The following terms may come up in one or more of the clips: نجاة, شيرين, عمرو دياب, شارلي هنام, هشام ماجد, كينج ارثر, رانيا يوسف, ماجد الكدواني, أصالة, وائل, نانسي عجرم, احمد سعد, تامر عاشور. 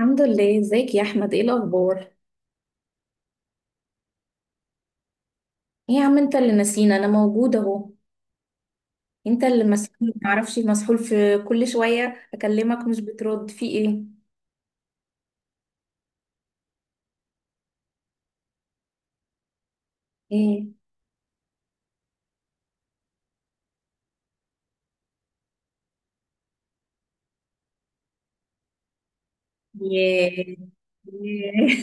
الحمد لله، ازيك يا احمد؟ ايه الاخبار؟ ايه يا عم، انت اللي نسينا. انا موجوده اهو. انت اللي مسحول ما تعرفش، مسحول في كل شويه اكلمك مش بترد، في ايه؟ ايه؟ ياه، ياه.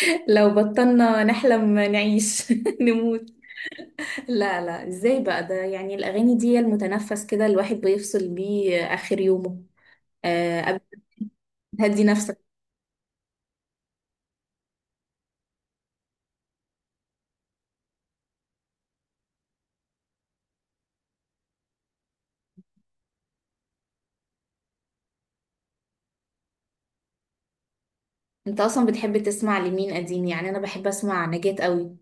لو بطلنا نحلم نعيش، نموت. لا، لا، ازاي بقى ده؟ يعني الاغاني دي هي المتنفس، كده الواحد بيفصل بيه اخر يومه. آه، قبل. هدي نفسك. انت اصلا بتحب تسمع لمين قديم؟ يعني انا بحب اسمع نجاة قوي.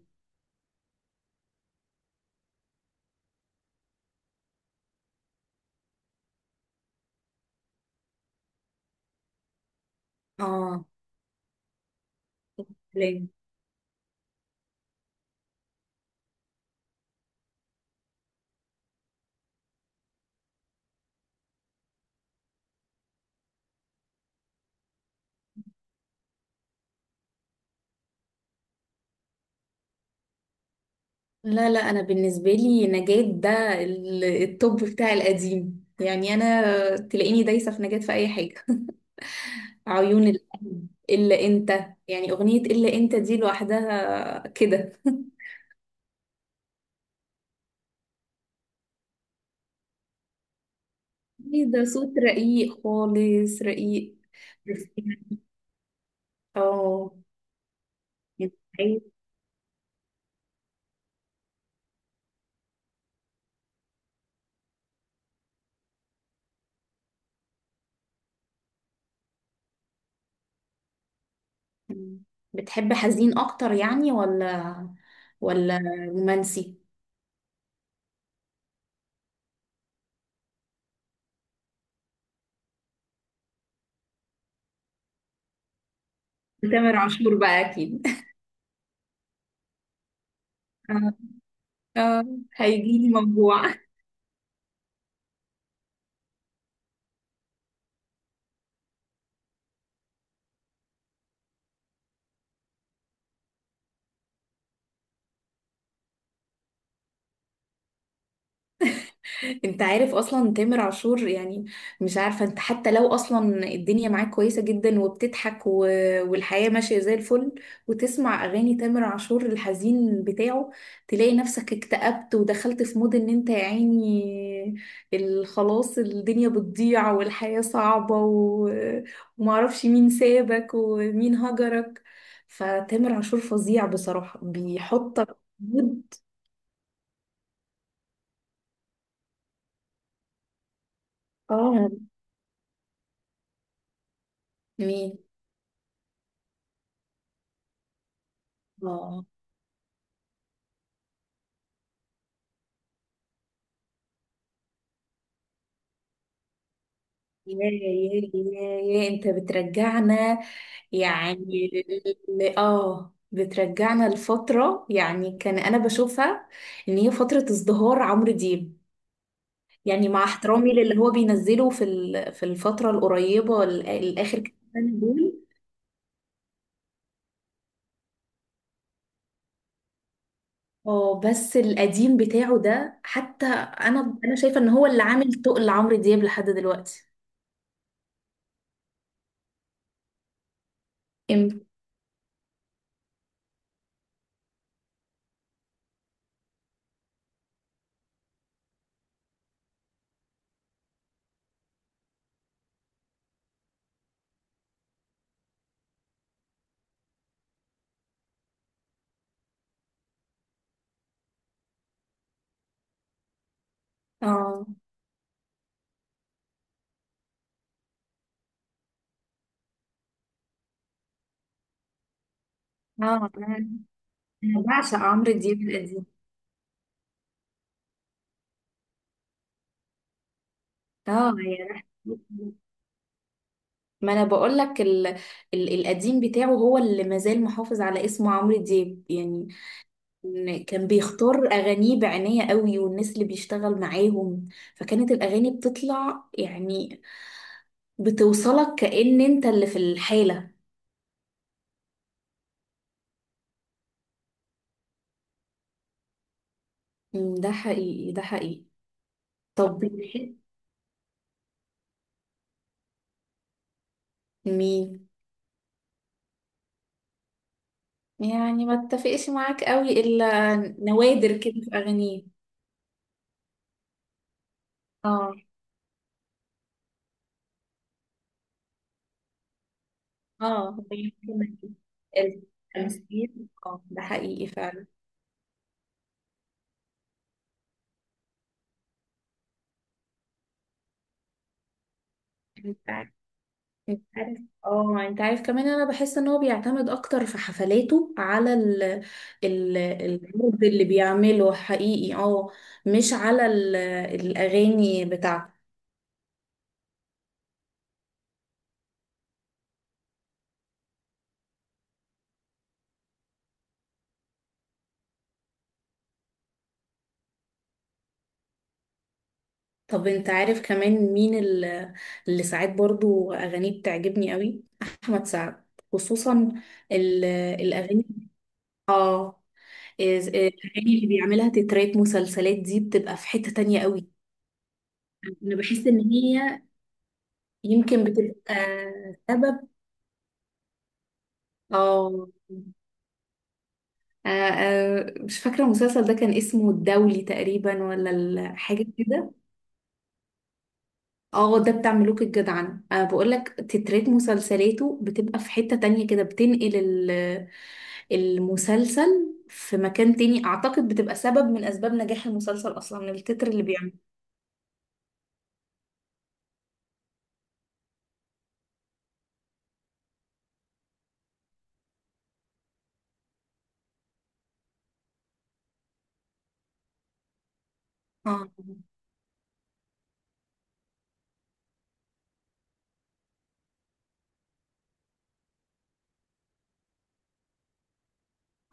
اه. لا، لا، انا بالنسبه لي نجاة ده التوب بتاع القديم، يعني انا تلاقيني دايسه في نجاة في اي حاجه. عيون القلب، الا انت. يعني اغنيه الا انت دي لوحدها كده. إيه ده! صوت رقيق خالص، رقيق. اه. أنت عايز- بتحب حزين اكتر؟ يعني، ولا رومانسي؟ تامر عاشور بقى اكيد. اه. آه، هيجيلي موجوع. انت عارف اصلا تامر عاشور يعني؟ مش عارفه، انت حتى لو اصلا الدنيا معاك كويسه جدا وبتضحك و... والحياه ماشيه زي الفل، وتسمع اغاني تامر عاشور الحزين بتاعه، تلاقي نفسك اكتئبت ودخلت في مود، ان انت يا عيني خلاص الدنيا بتضيع والحياه صعبه، و... ومعرفش مين سابك ومين هجرك. فتامر عاشور فظيع بصراحه، بيحطك في مود. اه. مين؟ اه. يا يا يا انت بترجعنا. يعني بترجعنا لفترة، يعني كان انا بشوفها ان هي فترة ازدهار عمرو دياب. يعني مع احترامي للي هو بينزله في الفترة القريبة، الاخر كام سنة دول. اه، بس القديم بتاعه ده حتى انا شايفة ان هو اللي عامل تقل عمرو دياب لحد دلوقتي. امتى؟ اه، اه، أنا بعشق عمرو دياب القديم. اه، يا رحمة، ما انا بقول لك القديم بتاعه هو اللي مازال محافظ على اسمه عمرو دياب، يعني إن كان بيختار اغانيه بعناية قوي والناس اللي بيشتغل معاهم، فكانت الاغاني بتطلع، يعني بتوصلك كأن انت اللي في الحالة. ده حقيقي، ده حقيقي. طب بتحب مين؟ يعني ما اتفقش معاك قوي الا نوادر كده في اغانيه. اه، اه، يمكن. التمثيل، ده حقيقي فعلا. انت عارف. اه، انت عارف كمان، انا بحس ان هو بيعتمد اكتر في حفلاته على ال العرض اللي بيعمله، حقيقي، اه. مش على الاغاني بتاعته. طب انت عارف كمان مين اللي ساعات برضو اغانيه بتعجبني قوي؟ احمد سعد. خصوصا ال- الاغاني اه الاغاني اللي بيعملها تترات مسلسلات دي بتبقى في حتة تانية قوي. انا بحس ان هي يمكن بتبقى سبب. اه. آه، مش فاكرة المسلسل ده كان اسمه الدولي تقريبا، ولا حاجة كده؟ اه، ده بتاع ملوك الجدعنة. بقول لك تترات مسلسلاته بتبقى في حتة تانية كده، بتنقل المسلسل في مكان تاني، اعتقد بتبقى سبب من اسباب نجاح المسلسل اصلا، التتر اللي بيعمله. اه،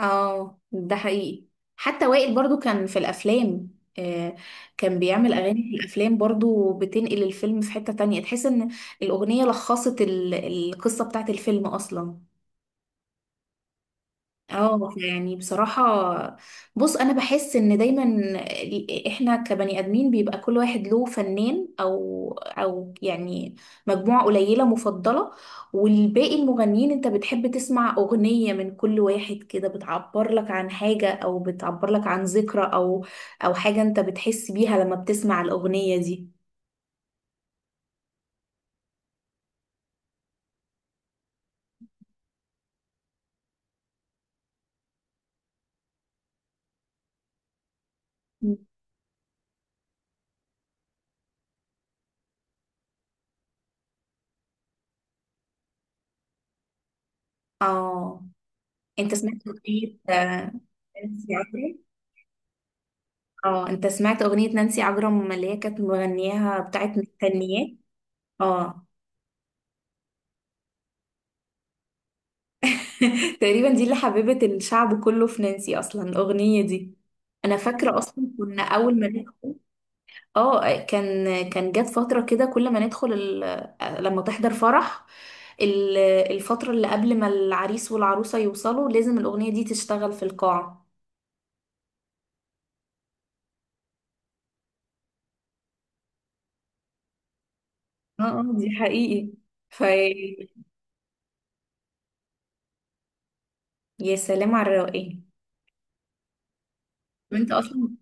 اه، ده حقيقي. حتى وائل برضو كان في الافلام. آه. كان بيعمل اغاني في الافلام برضو، بتنقل الفيلم في حتة تانية، تحس ان الاغنية لخصت القصة بتاعت الفيلم اصلا. اه، يعني بصراحة، بص، انا بحس ان دايما احنا كبني ادمين بيبقى كل واحد له فنان او يعني مجموعة قليلة مفضلة. والباقي المغنيين، انت بتحب تسمع اغنية من كل واحد كده، بتعبر لك عن حاجة او بتعبر لك عن ذكرى او حاجة انت بتحس بيها لما بتسمع الاغنية دي. مم. اه، انت سمعت اغنية انسي عجرم؟ اه، انت سمعت اغنية نانسي عجرم اللي هي كانت مغنياها بتاعت مستنياه؟ اه. تقريبا دي اللي حببت الشعب كله في نانسي اصلا، الاغنية دي. انا فاكرة اصلا كنا اول ما ندخل. اه، كان جت فترة كده كل ما ندخل لما تحضر فرح، ال- الفترة اللي قبل ما العريس والعروسة يوصلوا لازم الاغنية دي تشتغل في القاعة. اه، اه، دي حقيقي. في. يا سلام على الروقان! وانت اصلا.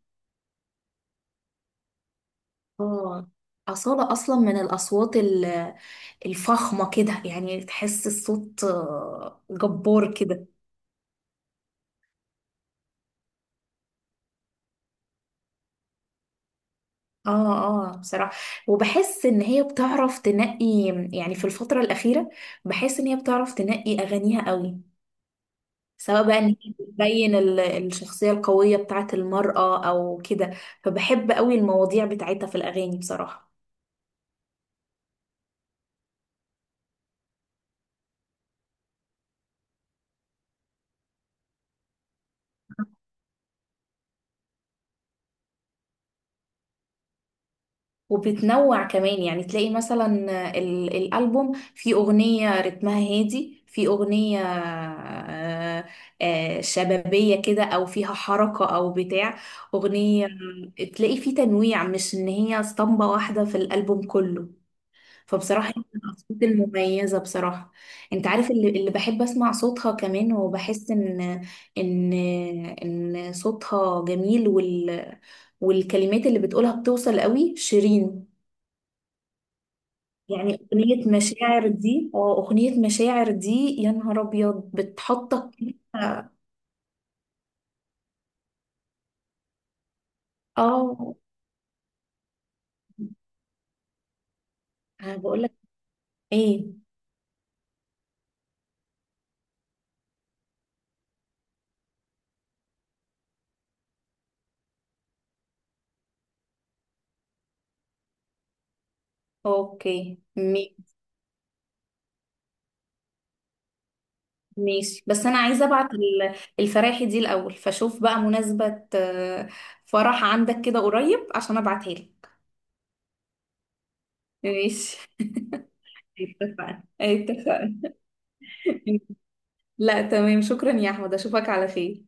اه، أصالة أصلا من الأصوات الفخمة كده، يعني تحس الصوت جبار كده. اه، اه، بصراحة. وبحس إن هي بتعرف تنقي، يعني في الفترة الأخيرة، بحس إن هي بتعرف تنقي أغانيها قوي. سواء بقى إن هي بتبين الشخصية القوية بتاعت المرأة أو كده، فبحب قوي المواضيع بتاعتها في الأغاني بصراحة. وبتنوع كمان، يعني تلاقي مثلا الألبوم في أغنية رتمها هادي، في أغنية شبابية كده أو فيها حركة أو بتاع أغنية، تلاقي في تنويع، مش إن هي اسطمبة واحدة في الألبوم كله. فبصراحة هي من الأصوات المميزة بصراحة. أنت عارف اللي بحب أسمع صوتها كمان، وبحس إن إن صوتها جميل، والكلمات اللي بتقولها بتوصل قوي، شيرين. يعني أغنية مشاعر دي، يا نهار أبيض بتحطك كده. اه، أنا بقولك ايه. اوكي، ماشي، بس أنا عايزة أبعت الفراحي دي الأول، فشوف بقى مناسبة فرح عندك كده قريب عشان أبعتها لك. ماشي. اتفقنا، اتفقنا. لا، تمام، شكرا يا أحمد، أشوفك على خير.